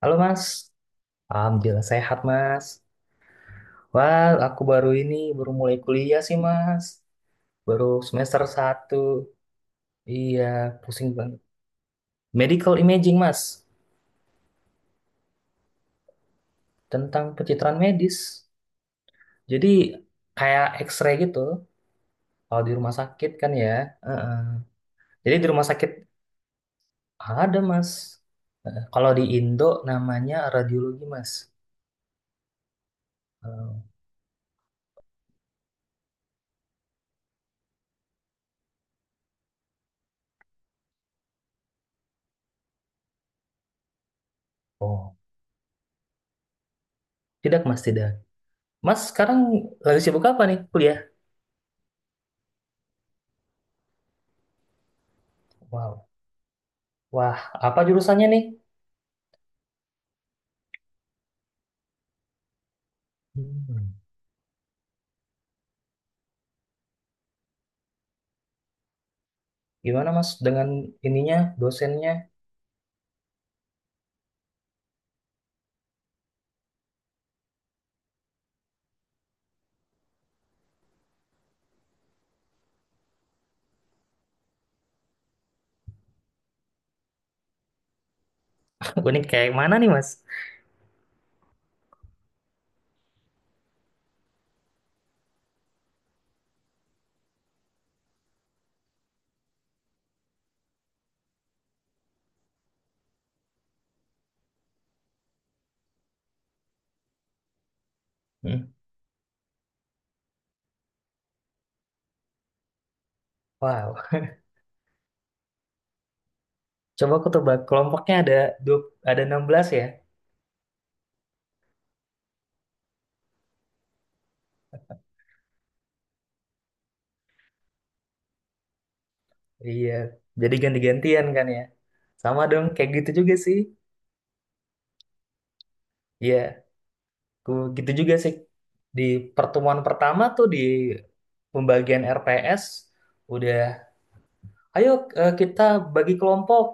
Halo Mas, Alhamdulillah sehat Mas. Wah, aku baru ini, baru mulai kuliah sih Mas. Baru semester satu. Iya, pusing banget. Medical imaging Mas, tentang pencitraan medis. Jadi kayak X-ray gitu, kalau di rumah sakit kan ya. Heeh. Jadi di rumah sakit ada Mas. Heeh. Kalau di Indo namanya radiologi Mas. Heeh. Oh, tidak Mas, tidak. Mas sekarang lagi sibuk apa nih kuliah? Wow. Wah, apa jurusannya nih? Hmm. Gimana Mas dengan ininya, dosennya? Gue nih kayak mana nih Mas? Hmm. Wow, coba aku tebak kelompoknya ada dua, ada 16 ya? Iya, jadi ganti-gantian kan ya? Sama dong, kayak gitu juga sih. Iya, aku gitu juga sih. Di pertemuan pertama tuh di pembagian RPS udah, ayo kita bagi kelompok.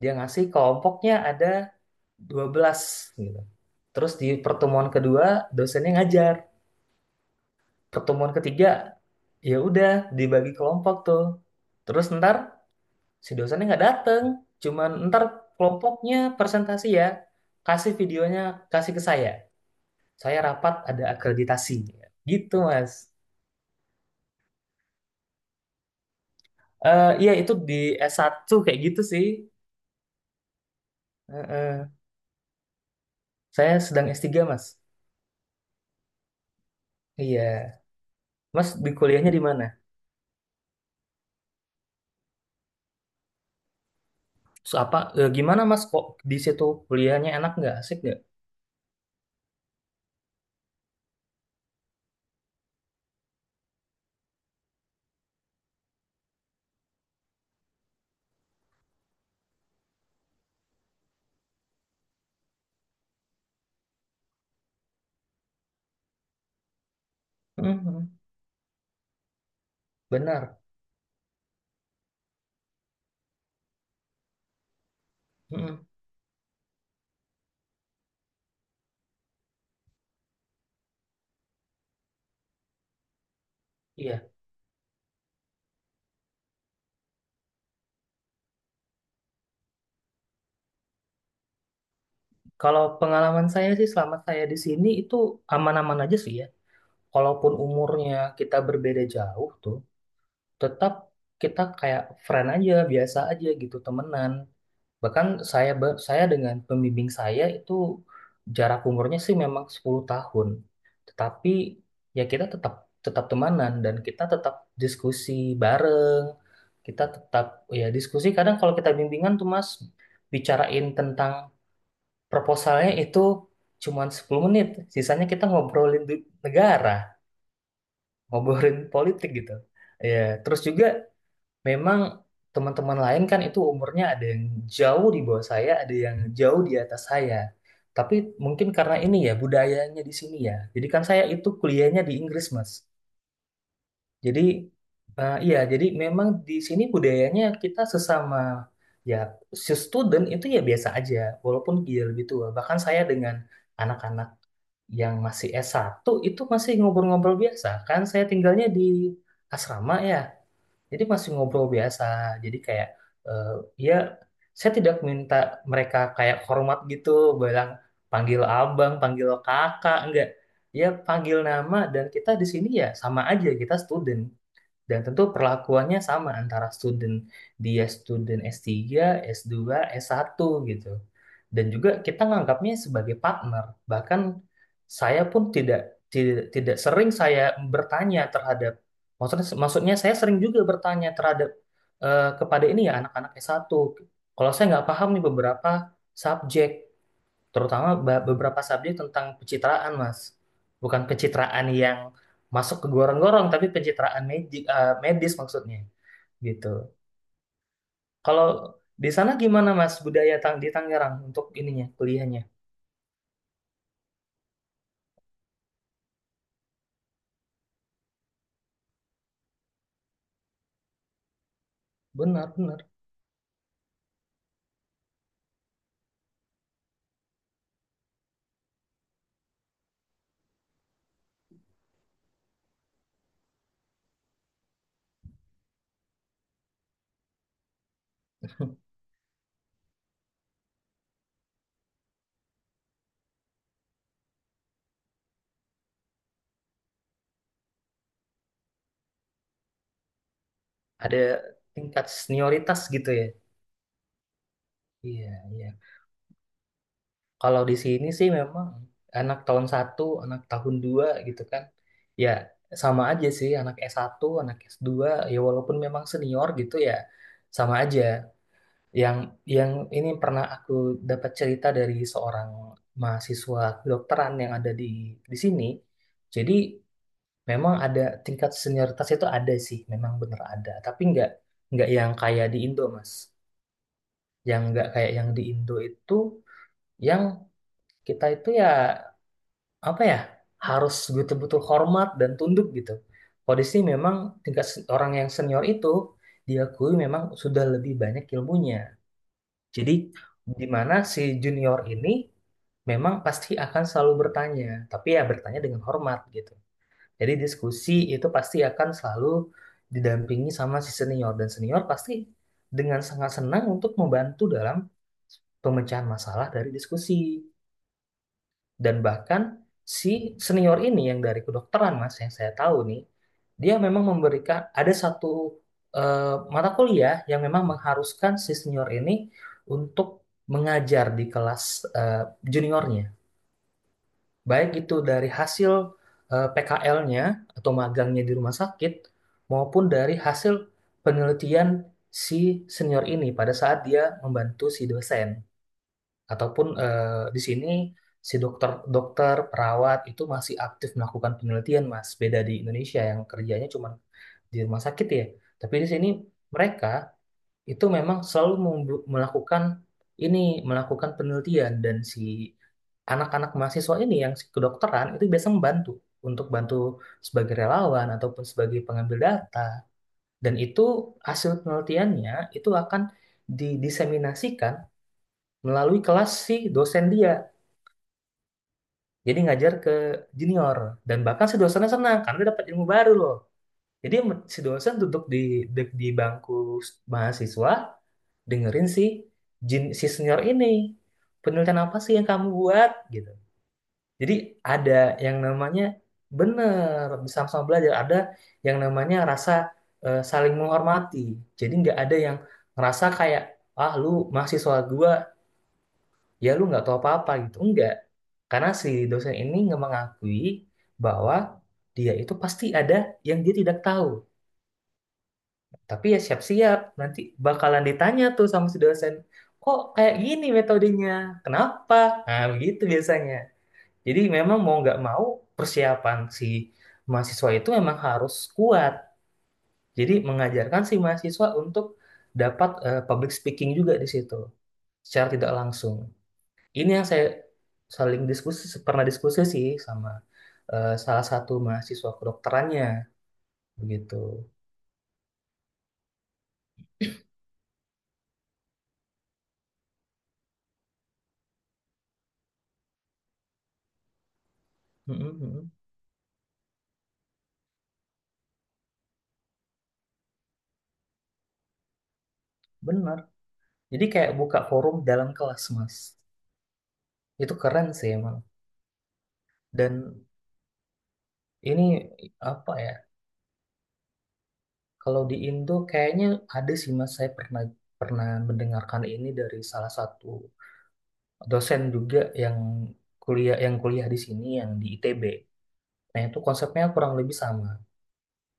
Dia ngasih kelompoknya ada 12 gitu. Terus di pertemuan kedua dosennya ngajar. Pertemuan ketiga ya udah dibagi kelompok tuh terus ntar si dosennya nggak dateng cuman ntar kelompoknya presentasi ya kasih videonya kasih ke saya rapat ada akreditasi gitu Mas. Eh iya itu di s satu kayak gitu sih. Eh, eh. Saya sedang s tiga Mas. Iya, Mas di kuliahnya di mana? Terus apa gimana Mas kok di situ kuliahnya enak nggak asik nggak? Mhm. Benar. Mhm. Iya. Kalau pengalaman saya sih selama saya di sini itu aman-aman aja sih ya. Walaupun umurnya kita berbeda jauh tuh, tetap kita kayak friend aja, biasa aja gitu, temenan. Bahkan saya dengan pembimbing saya itu jarak umurnya sih memang 10 tahun. Tetapi ya kita tetap tetap temanan dan kita tetap diskusi bareng. Kita tetap ya diskusi kadang kalau kita bimbingan tuh Mas bicarain tentang proposalnya itu cuman 10 menit. Sisanya kita ngobrolin negara, ngobrolin politik gitu. Ya, terus juga memang teman-teman lain kan itu umurnya ada yang jauh di bawah saya, ada yang jauh di atas saya. Tapi mungkin karena ini ya budayanya di sini ya. Jadi kan saya itu kuliahnya di Inggris, Mas. Jadi iya, jadi memang di sini budayanya kita sesama ya student itu ya biasa aja, walaupun dia lebih tua. Bahkan saya dengan anak-anak yang masih S1 itu masih ngobrol-ngobrol biasa kan saya tinggalnya di asrama ya jadi masih ngobrol biasa jadi kayak eh, ya saya tidak minta mereka kayak hormat gitu bilang panggil abang panggil kakak enggak ya panggil nama dan kita di sini ya sama aja kita student dan tentu perlakuannya sama antara student dia student S3, S2, S1 gitu. Dan juga kita nganggapnya sebagai partner. Bahkan saya pun tidak tidak sering saya bertanya terhadap maksudnya maksudnya saya sering juga bertanya terhadap kepada ini ya anak-anak S1. Kalau saya nggak paham nih beberapa subjek, terutama beberapa subjek tentang pencitraan, Mas. Bukan pencitraan yang masuk ke gorong-gorong, tapi pencitraan magic, eh, medis maksudnya, gitu. Kalau di sana gimana, Mas, budaya di Tangerang untuk ininya, kuliahnya? Benar, benar. Ada tingkat senioritas gitu ya. Iya, iya. Kalau di sini sih memang anak tahun satu, anak tahun dua gitu kan. Ya, sama aja sih anak s satu anak s dua ya walaupun memang senior gitu ya sama aja. Yang yang ini pernah aku dapat cerita dari seorang mahasiswa kedokteran yang ada di sini. Jadi memang ada tingkat senioritas itu ada sih, memang bener ada. Tapi nggak yang kayak di Indo, Mas. Yang nggak kayak yang di Indo itu, yang kita itu ya apa ya harus betul-betul hormat dan tunduk gitu. Kalau di sini memang tingkat orang yang senior itu diakui memang sudah lebih banyak ilmunya. Jadi di mana si junior ini memang pasti akan selalu bertanya, tapi ya bertanya dengan hormat gitu. Jadi diskusi itu pasti akan selalu didampingi sama si senior dan senior pasti dengan sangat senang untuk membantu dalam pemecahan masalah dari diskusi. Dan bahkan si senior ini yang dari kedokteran Mas yang saya tahu nih, dia memang memberikan ada satu mata kuliah yang memang mengharuskan si senior ini untuk mengajar di kelas eh, juniornya. Baik itu dari hasil PKL-nya atau magangnya di rumah sakit maupun dari hasil penelitian si senior ini pada saat dia membantu si dosen ataupun di sini si dokter dokter perawat itu masih aktif melakukan penelitian Mas beda di Indonesia yang kerjanya cuma di rumah sakit ya tapi di sini mereka itu memang selalu melakukan ini melakukan penelitian dan si anak-anak mahasiswa ini yang si kedokteran itu biasa membantu untuk bantu sebagai relawan ataupun sebagai pengambil data dan itu hasil penelitiannya itu akan didiseminasikan melalui kelas si dosen dia. Jadi ngajar ke junior dan bahkan si dosennya senang karena dia dapat ilmu baru loh. Jadi si dosen duduk di di bangku mahasiswa dengerin si senior ini penelitian apa sih yang kamu buat gitu. Jadi ada yang namanya bener sama-sama belajar, ada yang namanya rasa saling menghormati. Jadi nggak ada yang ngerasa kayak ah lu mahasiswa gua ya lu nggak tahu apa-apa gitu. Enggak. Karena si dosen ini nggak mengakui bahwa dia itu pasti ada yang dia tidak tahu. Tapi ya siap-siap, nanti bakalan ditanya tuh sama si dosen, kok kayak gini metodenya? Kenapa? Nah, begitu biasanya. Jadi memang mau nggak mau persiapan si mahasiswa itu memang harus kuat. Jadi mengajarkan si mahasiswa untuk dapat public speaking juga di situ, secara tidak langsung. Ini yang saya saling diskusi pernah diskusi sih sama salah satu mahasiswa kedokterannya begitu. Mm, mm, mm. Benar. Jadi kayak buka forum dalam kelas, Mas. Itu keren sih emang. Dan ini apa ya? Kalau di Indo kayaknya ada sih Mas, saya pernah pernah mendengarkan ini dari salah satu dosen juga yang kuliah di sini yang di ITB. Nah, itu konsepnya kurang lebih sama.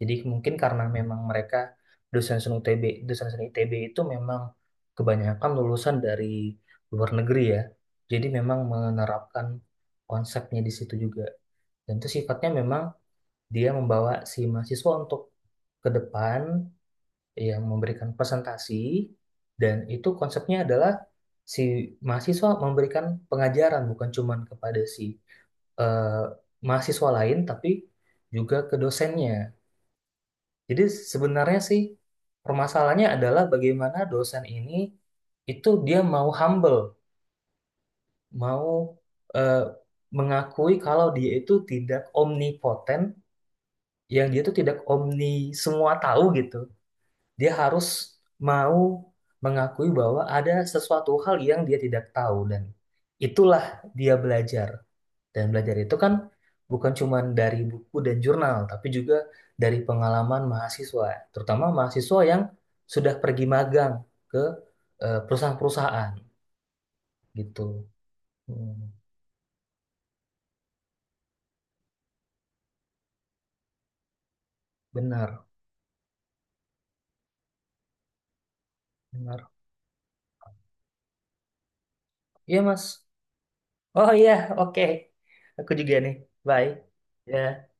Jadi mungkin karena memang mereka dosen-dosen UTB, dosen-dosen ITB itu memang kebanyakan lulusan dari luar negeri ya. Jadi memang menerapkan konsepnya di situ juga. Dan itu sifatnya memang dia membawa si mahasiswa untuk ke depan yang memberikan presentasi dan itu konsepnya adalah si mahasiswa memberikan pengajaran bukan cuman kepada si eh, mahasiswa lain tapi juga ke dosennya. Jadi sebenarnya sih permasalahannya adalah bagaimana dosen ini itu dia mau humble, mau eh, mengakui kalau dia itu tidak omnipotent, yang dia itu tidak omni semua tahu gitu. Dia harus mau mengakui bahwa ada sesuatu hal yang dia tidak tahu dan itulah dia belajar. Dan belajar itu kan bukan cuma dari buku dan jurnal, tapi juga dari pengalaman mahasiswa, terutama mahasiswa yang sudah pergi magang ke perusahaan-perusahaan gitu. Hmm, benar, benar. Iya, Mas. Oh iya, oke. Aku juga nih. Bye. Ya.